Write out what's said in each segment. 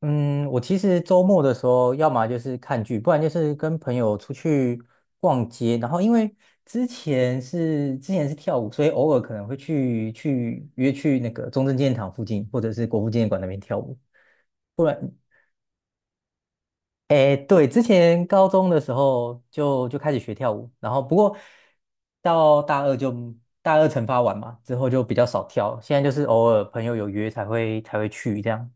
嗯，我其实周末的时候，要么就是看剧，不然就是跟朋友出去逛街。然后因为之前是跳舞，所以偶尔可能会去约去那个中正纪念堂附近，或者是国父纪念馆那边跳舞。不然，哎，对，之前高中的时候就开始学跳舞，然后不过到大二就大二惩罚完嘛，之后就比较少跳。现在就是偶尔朋友有约才会去这样。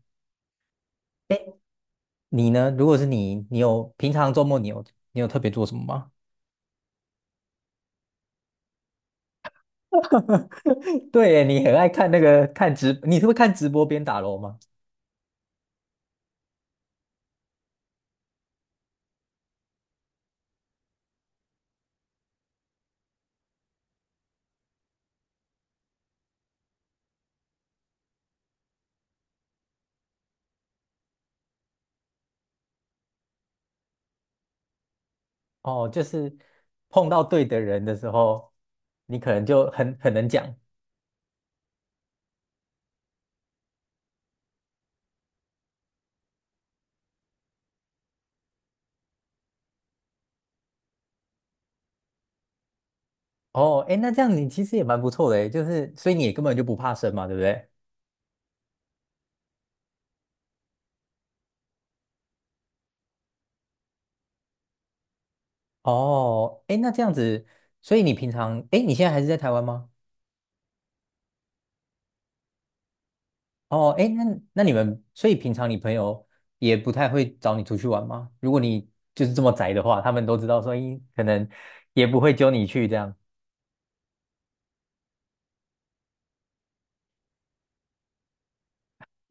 你呢？如果是你，平常周末你有特别做什么吗？对耶，你很爱看那个看直，你是会看直播边打楼吗？哦，就是碰到对的人的时候，你可能就很能讲。哦，哎，那这样你其实也蛮不错的诶，就是所以你也根本就不怕生嘛，对不对？哦，哎，那这样子，所以你平常，哎，你现在还是在台湾吗？哦，哎，那你们，所以平常你朋友也不太会找你出去玩吗？如果你就是这么宅的话，他们都知道说，咦，可能也不会揪你去这样，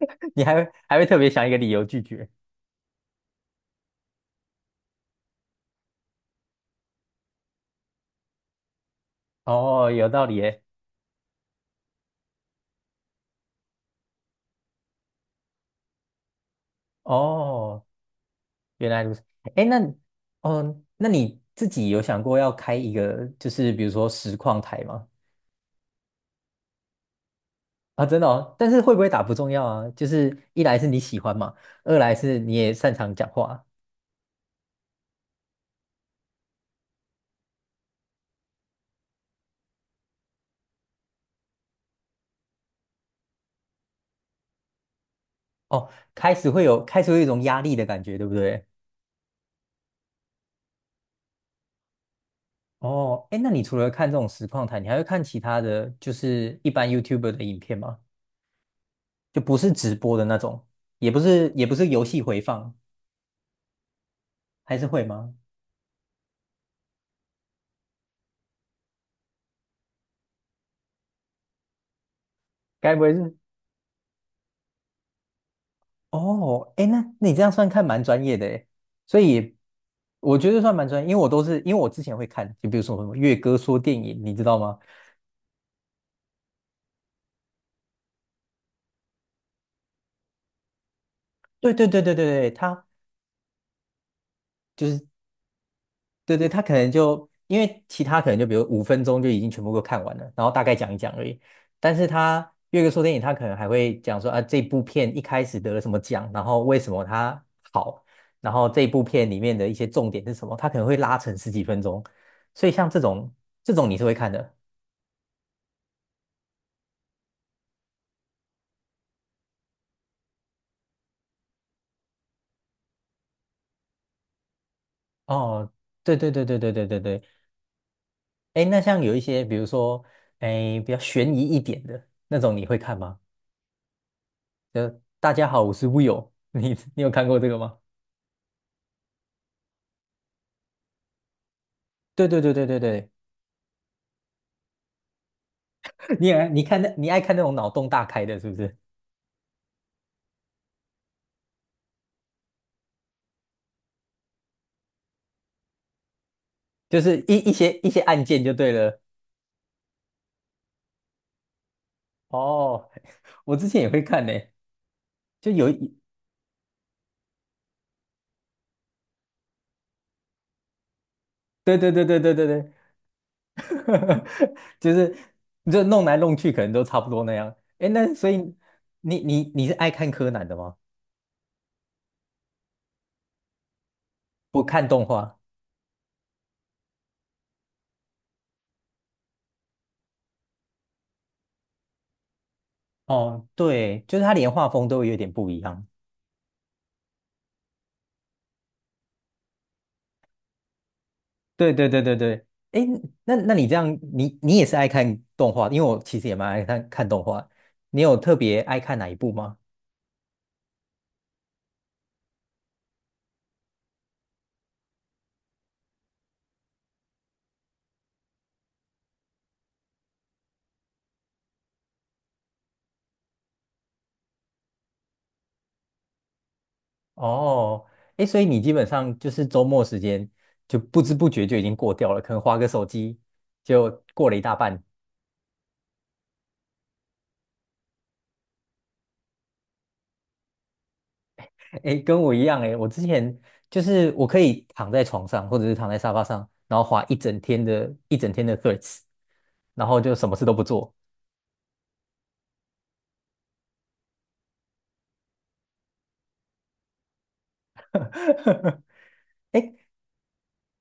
你还会特别想一个理由拒绝。哦，有道理耶。哦，原来如此。哎，那哦，那你自己有想过要开一个，就是比如说实况台吗？啊，真的哦，但是会不会打不重要啊，就是一来是你喜欢嘛，二来是你也擅长讲话。哦，开始会有一种压力的感觉，对不对？哦，哎，那你除了看这种实况台，你还会看其他的就是一般 YouTuber 的影片吗？就不是直播的那种，也不是游戏回放，还是会吗？该不会是哦，哎，那你这样算看蛮专业的哎，所以我觉得算蛮专业，因为我之前会看，就比如说什么《月哥说电影》，你知道吗？对对对对对对，他就是对对，他可能就因为其他可能就比如5分钟就已经全部都看完了，然后大概讲一讲而已。但是他越个说电影，他可能还会讲说啊，这部片一开始得了什么奖，然后为什么它好，然后这部片里面的一些重点是什么，他可能会拉成10几分钟。所以像这种你是会看的哦。对对对对对对对对，哎，那像有一些比如说哎比较悬疑一点的那种，你会看吗？就大家好，我是 Will，你有看过这个吗？对对对对对对，你爱看那种脑洞大开的，是不是？就是一些案件就对了。哦，我之前也会看呢、就有一对对对对对对对，就是就弄来弄去，可能都差不多那样。哎，那所以你是爱看柯南的吗？不看动画？哦，对，就是他连画风都有点不一样。对对对对对，哎，那你这样，你也是爱看动画的因为我其实也蛮爱看看动画。你有特别爱看哪一部吗？哦，哎，所以你基本上就是周末时间就不知不觉就已经过掉了，可能划个手机就过了一大半。哎，跟我一样哎，我之前就是我可以躺在床上或者是躺在沙发上，然后划一整天的 Threads，然后就什么事都不做。哎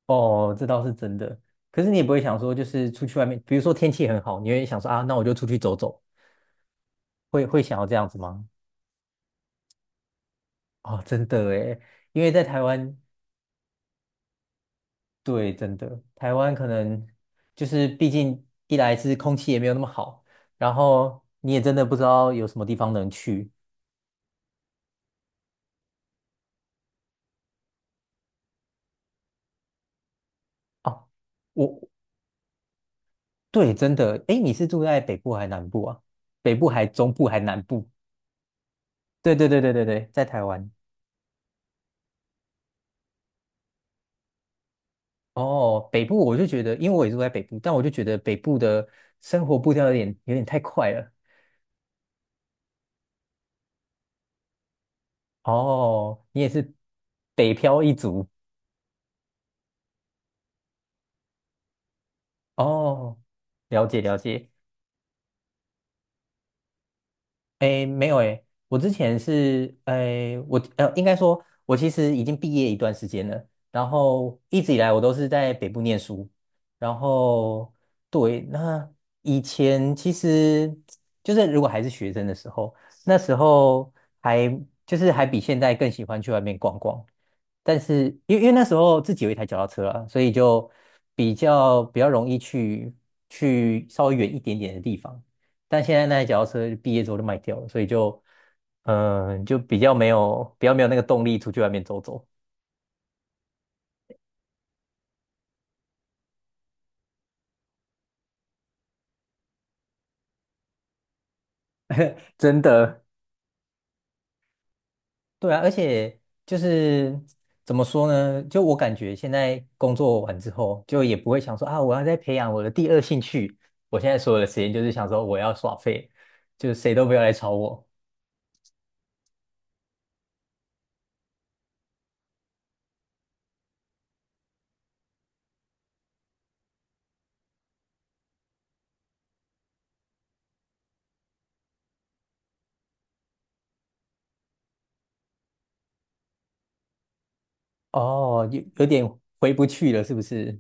哦，这倒是真的。可是你也不会想说，就是出去外面，比如说天气很好，你会想说啊，那我就出去走走，会想要这样子吗？哦，真的诶，因为在台湾，对，真的，台湾可能就是毕竟一来是空气也没有那么好，然后你也真的不知道有什么地方能去哦。我对，真的，诶，你是住在北部还是南部啊？北部还中部还南部？对对对对对对，在台湾。哦，北部我就觉得，因为我也住在北部，但我就觉得北部的生活步调有点太快了。哦，你也是北漂一族。哦，了解了解。诶，没有诶，我之前是诶，应该说，我其实已经毕业一段时间了，然后一直以来我都是在北部念书，然后对，那以前其实就是如果还是学生的时候，那时候还就是还比现在更喜欢去外面逛逛，但是因为那时候自己有一台脚踏车啊，所以就比较容易去稍微远一点点的地方。但现在那台脚踏车毕业之后就卖掉了，所以就比较没有那个动力出去外面走走。真的，对啊，而且就是怎么说呢？就我感觉现在工作完之后，就也不会想说啊，我要再培养我的第二兴趣。我现在所有的时间就是想说我要耍废，就谁都不要来吵我。哦，有点回不去了，是不是？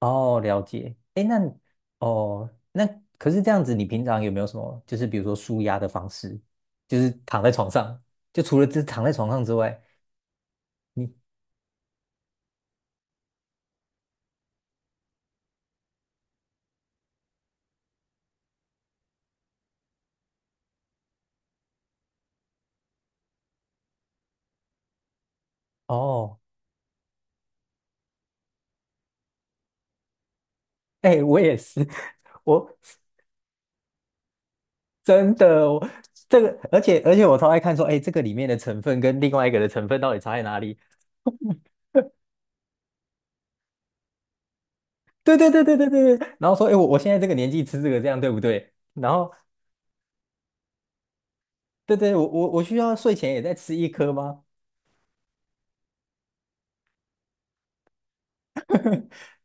哦，了解。哎，那哦，那可是这样子，你平常有没有什么，就是比如说舒压的方式，就是躺在床上，就除了这躺在床上之外，你哦，哎，我也是，我真的我这个，而且我超爱看说，哎，这个里面的成分跟另外一个的成分到底差在哪里？对对对对对对对。然后说，哎，我现在这个年纪吃这个，这样对不对？然后对对，我需要睡前也再吃一颗吗？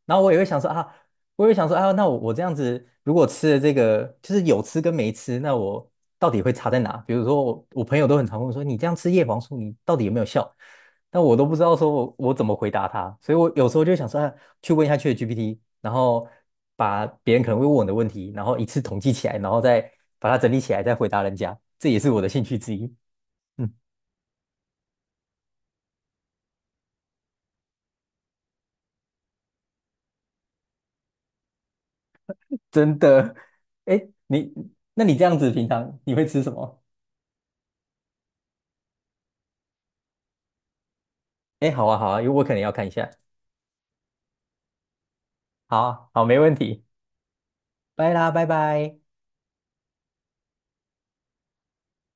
然后我也会想说啊，那我这样子如果吃了这个，就是有吃跟没吃，那我到底会差在哪？比如说我朋友都很常问我说，你这样吃叶黄素，你到底有没有效？但我都不知道说我怎么回答他，所以我有时候就想说啊，去问一下 ChatGPT，然后把别人可能会问我的问题，然后一次统计起来，然后再把它整理起来，再回答人家，这也是我的兴趣之一。嗯，真的。哎，你那你这样子平常你会吃什么？哎，好啊，好啊，因为我可能要看一下。好好，没问题，拜啦，拜拜。